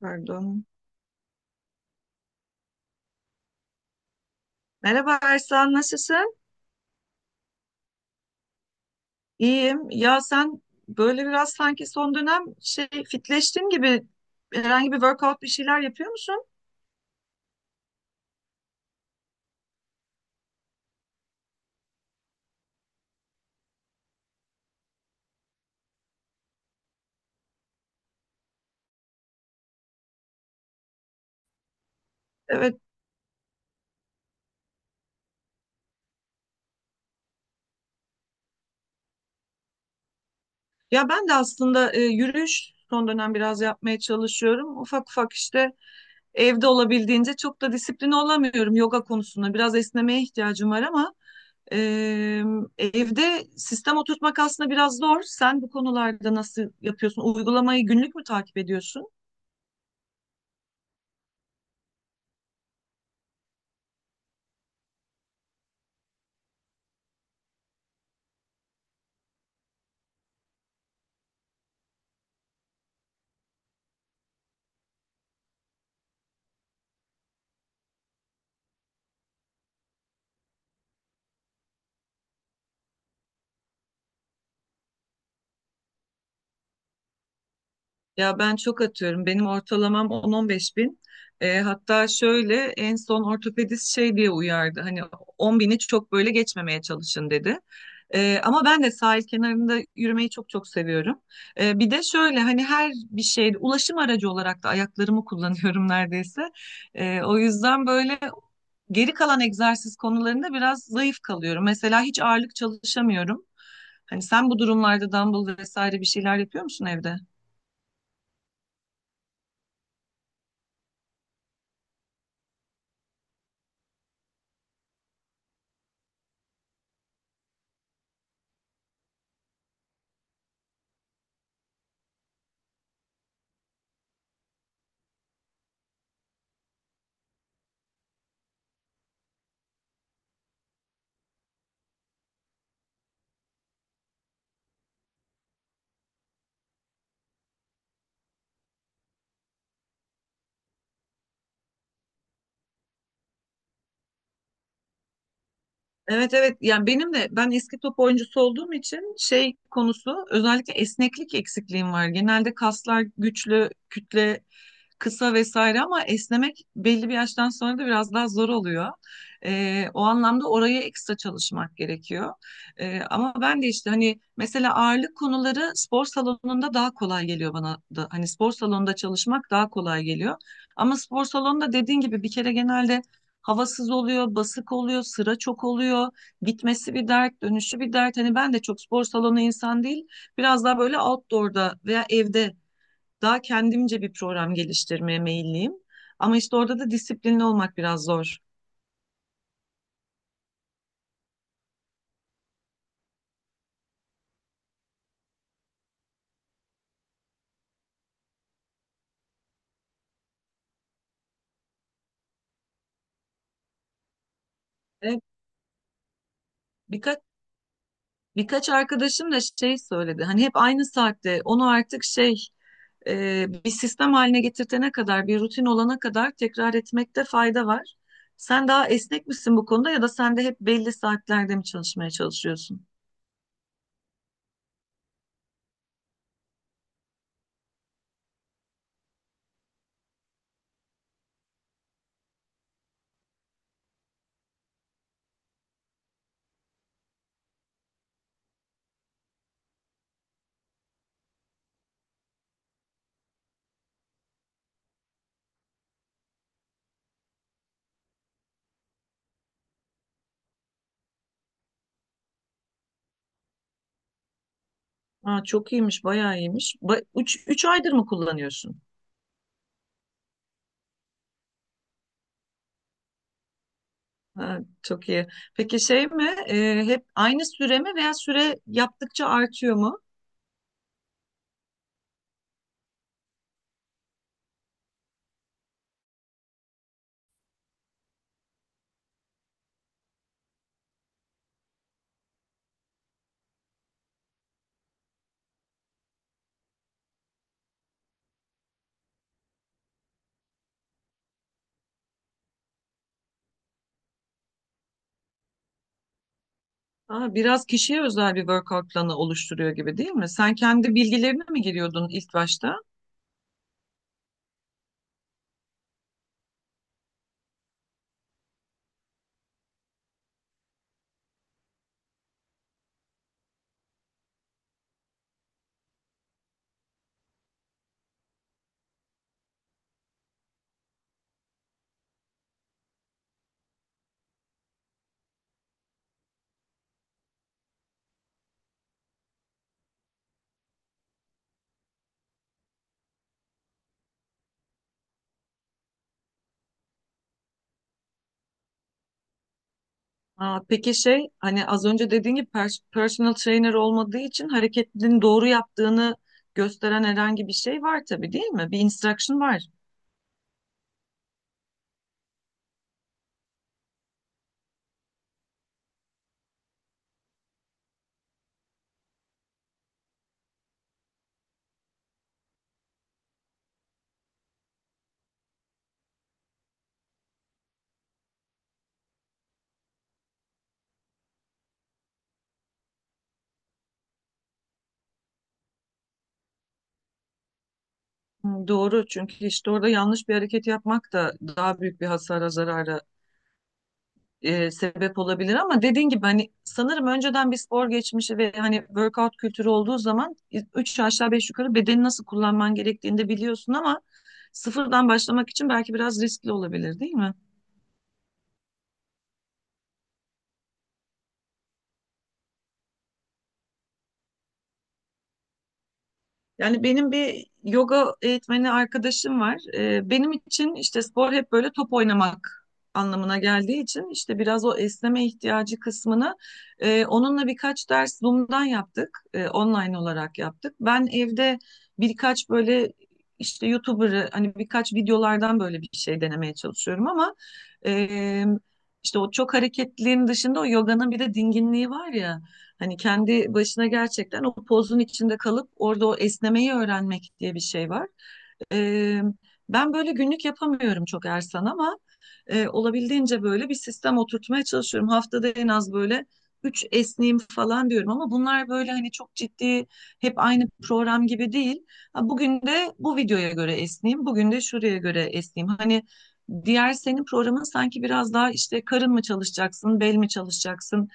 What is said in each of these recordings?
Pardon. Merhaba Ersan, nasılsın? İyiyim. Ya sen böyle biraz sanki son dönem şey fitleştin gibi herhangi bir workout bir şeyler yapıyor musun? Evet. Ya ben de aslında yürüyüş son dönem biraz yapmaya çalışıyorum. Ufak ufak işte evde olabildiğince çok da disipline olamıyorum yoga konusunda. Biraz esnemeye ihtiyacım var ama e, evde sistem oturtmak aslında biraz zor. Sen bu konularda nasıl yapıyorsun? Uygulamayı günlük mü takip ediyorsun? Ya ben çok atıyorum. Benim ortalamam 10-15 bin. Hatta şöyle en son ortopedist şey diye uyardı. Hani 10 bini çok böyle geçmemeye çalışın dedi. Ama ben de sahil kenarında yürümeyi çok çok seviyorum. Bir de şöyle hani her bir şeyde ulaşım aracı olarak da ayaklarımı kullanıyorum neredeyse. O yüzden böyle geri kalan egzersiz konularında biraz zayıf kalıyorum. Mesela hiç ağırlık çalışamıyorum. Hani sen bu durumlarda dumbbell vesaire bir şeyler yapıyor musun evde? Evet, evet, yani benim de ben eski top oyuncusu olduğum için şey konusu özellikle esneklik eksikliğim var. Genelde kaslar güçlü, kütle kısa vesaire ama esnemek belli bir yaştan sonra da biraz daha zor oluyor. O anlamda oraya ekstra çalışmak gerekiyor. Ama ben de işte hani mesela ağırlık konuları spor salonunda daha kolay geliyor bana da. Hani spor salonunda çalışmak daha kolay geliyor. Ama spor salonunda dediğin gibi bir kere genelde havasız oluyor, basık oluyor, sıra çok oluyor. Gitmesi bir dert, dönüşü bir dert. Hani ben de çok spor salonu insan değil. Biraz daha böyle outdoor'da veya evde daha kendimce bir program geliştirmeye meyilliyim. Ama işte orada da disiplinli olmak biraz zor. Evet, birkaç Birkaç arkadaşım da şey söyledi. Hani hep aynı saatte onu artık şey bir sistem haline getirtene kadar, bir rutin olana kadar tekrar etmekte fayda var. Sen daha esnek misin bu konuda ya da sen de hep belli saatlerde mi çalışmaya çalışıyorsun? Aa, çok iyiymiş, bayağı iyiymiş. Üç aydır mı kullanıyorsun? Ha, çok iyi. Peki şey mi? Hep aynı süre mi veya süre yaptıkça artıyor mu? Aa, biraz kişiye özel bir workout planı oluşturuyor gibi değil mi? Sen kendi bilgilerine mi giriyordun ilk başta? Aa, peki şey hani az önce dediğin gibi personal trainer olmadığı için hareketlerini doğru yaptığını gösteren herhangi bir şey var tabii değil mi? Bir instruction var. Hı, doğru, çünkü işte orada yanlış bir hareket yapmak da daha büyük bir hasara zarara sebep olabilir ama dediğin gibi hani sanırım önceden bir spor geçmişi ve hani workout kültürü olduğu zaman üç aşağı beş yukarı bedeni nasıl kullanman gerektiğini de biliyorsun ama sıfırdan başlamak için belki biraz riskli olabilir değil mi? Yani benim bir yoga eğitmeni arkadaşım var. Benim için işte spor hep böyle top oynamak anlamına geldiği için işte biraz o esneme ihtiyacı kısmını onunla birkaç ders Zoom'dan yaptık. Online olarak yaptık. Ben evde birkaç böyle işte YouTuber'ı hani birkaç videolardan böyle bir şey denemeye çalışıyorum ama e, işte o çok hareketliliğin dışında o yoganın bir de dinginliği var ya. Hani kendi başına gerçekten o pozun içinde kalıp orada o esnemeyi öğrenmek diye bir şey var. Eee, Ben böyle günlük yapamıyorum çok Ersan ama olabildiğince böyle bir sistem oturtmaya çalışıyorum. Haftada en az böyle üç esneyim falan diyorum ama bunlar böyle hani çok ciddi hep aynı program gibi değil. Ha, bugün de bu videoya göre esneyim, bugün de şuraya göre esneyim. Hani diğer senin programın sanki biraz daha işte karın mı çalışacaksın, bel mi çalışacaksın,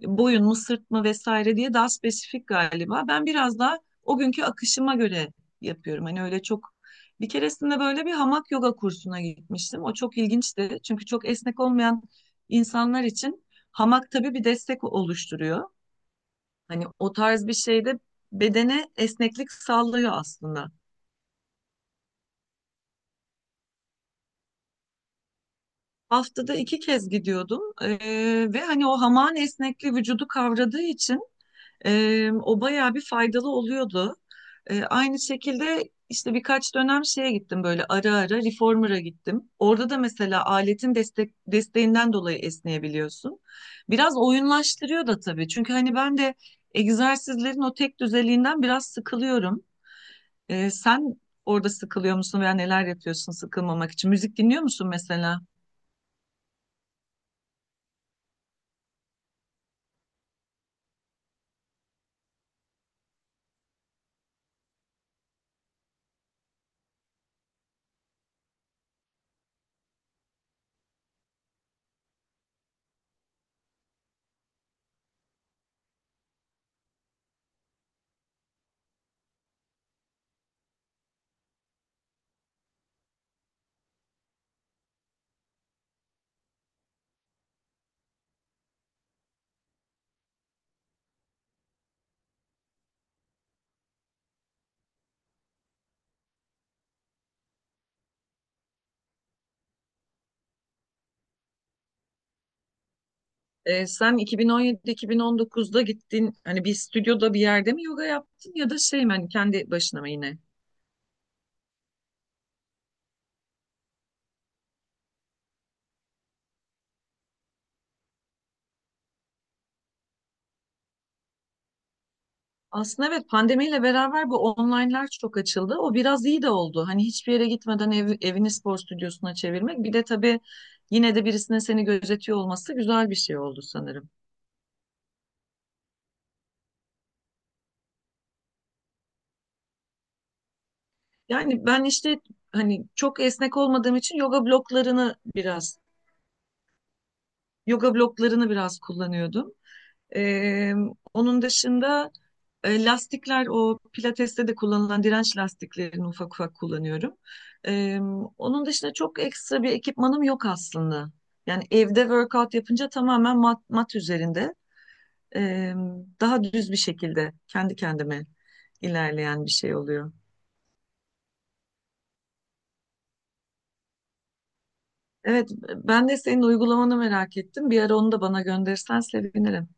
boyun mu, sırt mı vesaire diye daha spesifik galiba. Ben biraz daha o günkü akışıma göre yapıyorum. Hani öyle çok bir keresinde böyle bir hamak yoga kursuna gitmiştim. O çok ilginçti. Çünkü çok esnek olmayan insanlar için hamak tabii bir destek oluşturuyor. Hani o tarz bir şeyde bedene esneklik sağlıyor aslında. Haftada iki kez gidiyordum. Ve hani o hamağın esnekliği vücudu kavradığı için o bayağı bir faydalı oluyordu. Aynı şekilde işte birkaç dönem şeye gittim böyle ara ara reformer'a gittim. Orada da mesela aletin desteğinden dolayı esneyebiliyorsun. Biraz oyunlaştırıyor da tabii. Çünkü hani ben de egzersizlerin o tek düzeliğinden biraz sıkılıyorum. Sen orada sıkılıyor musun veya neler yapıyorsun sıkılmamak için? Müzik dinliyor musun mesela? Sen 2017-2019'da gittin hani bir stüdyoda bir yerde mi yoga yaptın ya da şey mi hani kendi başına mı yine? Aslında evet pandemiyle beraber bu online'lar çok açıldı. O biraz iyi de oldu. Hani hiçbir yere gitmeden evini spor stüdyosuna çevirmek. Bir de tabii yine de birisinin seni gözetiyor olması güzel bir şey oldu sanırım. Yani ben işte hani çok esnek olmadığım için yoga bloklarını biraz kullanıyordum. Ee, Onun dışında lastikler o pilateste de kullanılan direnç lastiklerini ufak ufak kullanıyorum. Ee, Onun dışında çok ekstra bir ekipmanım yok aslında. Yani evde workout yapınca tamamen mat üzerinde e, daha düz bir şekilde kendi kendime ilerleyen bir şey oluyor. Evet, ben de senin uygulamanı merak ettim. Bir ara onu da bana gönderirsen sevinirim.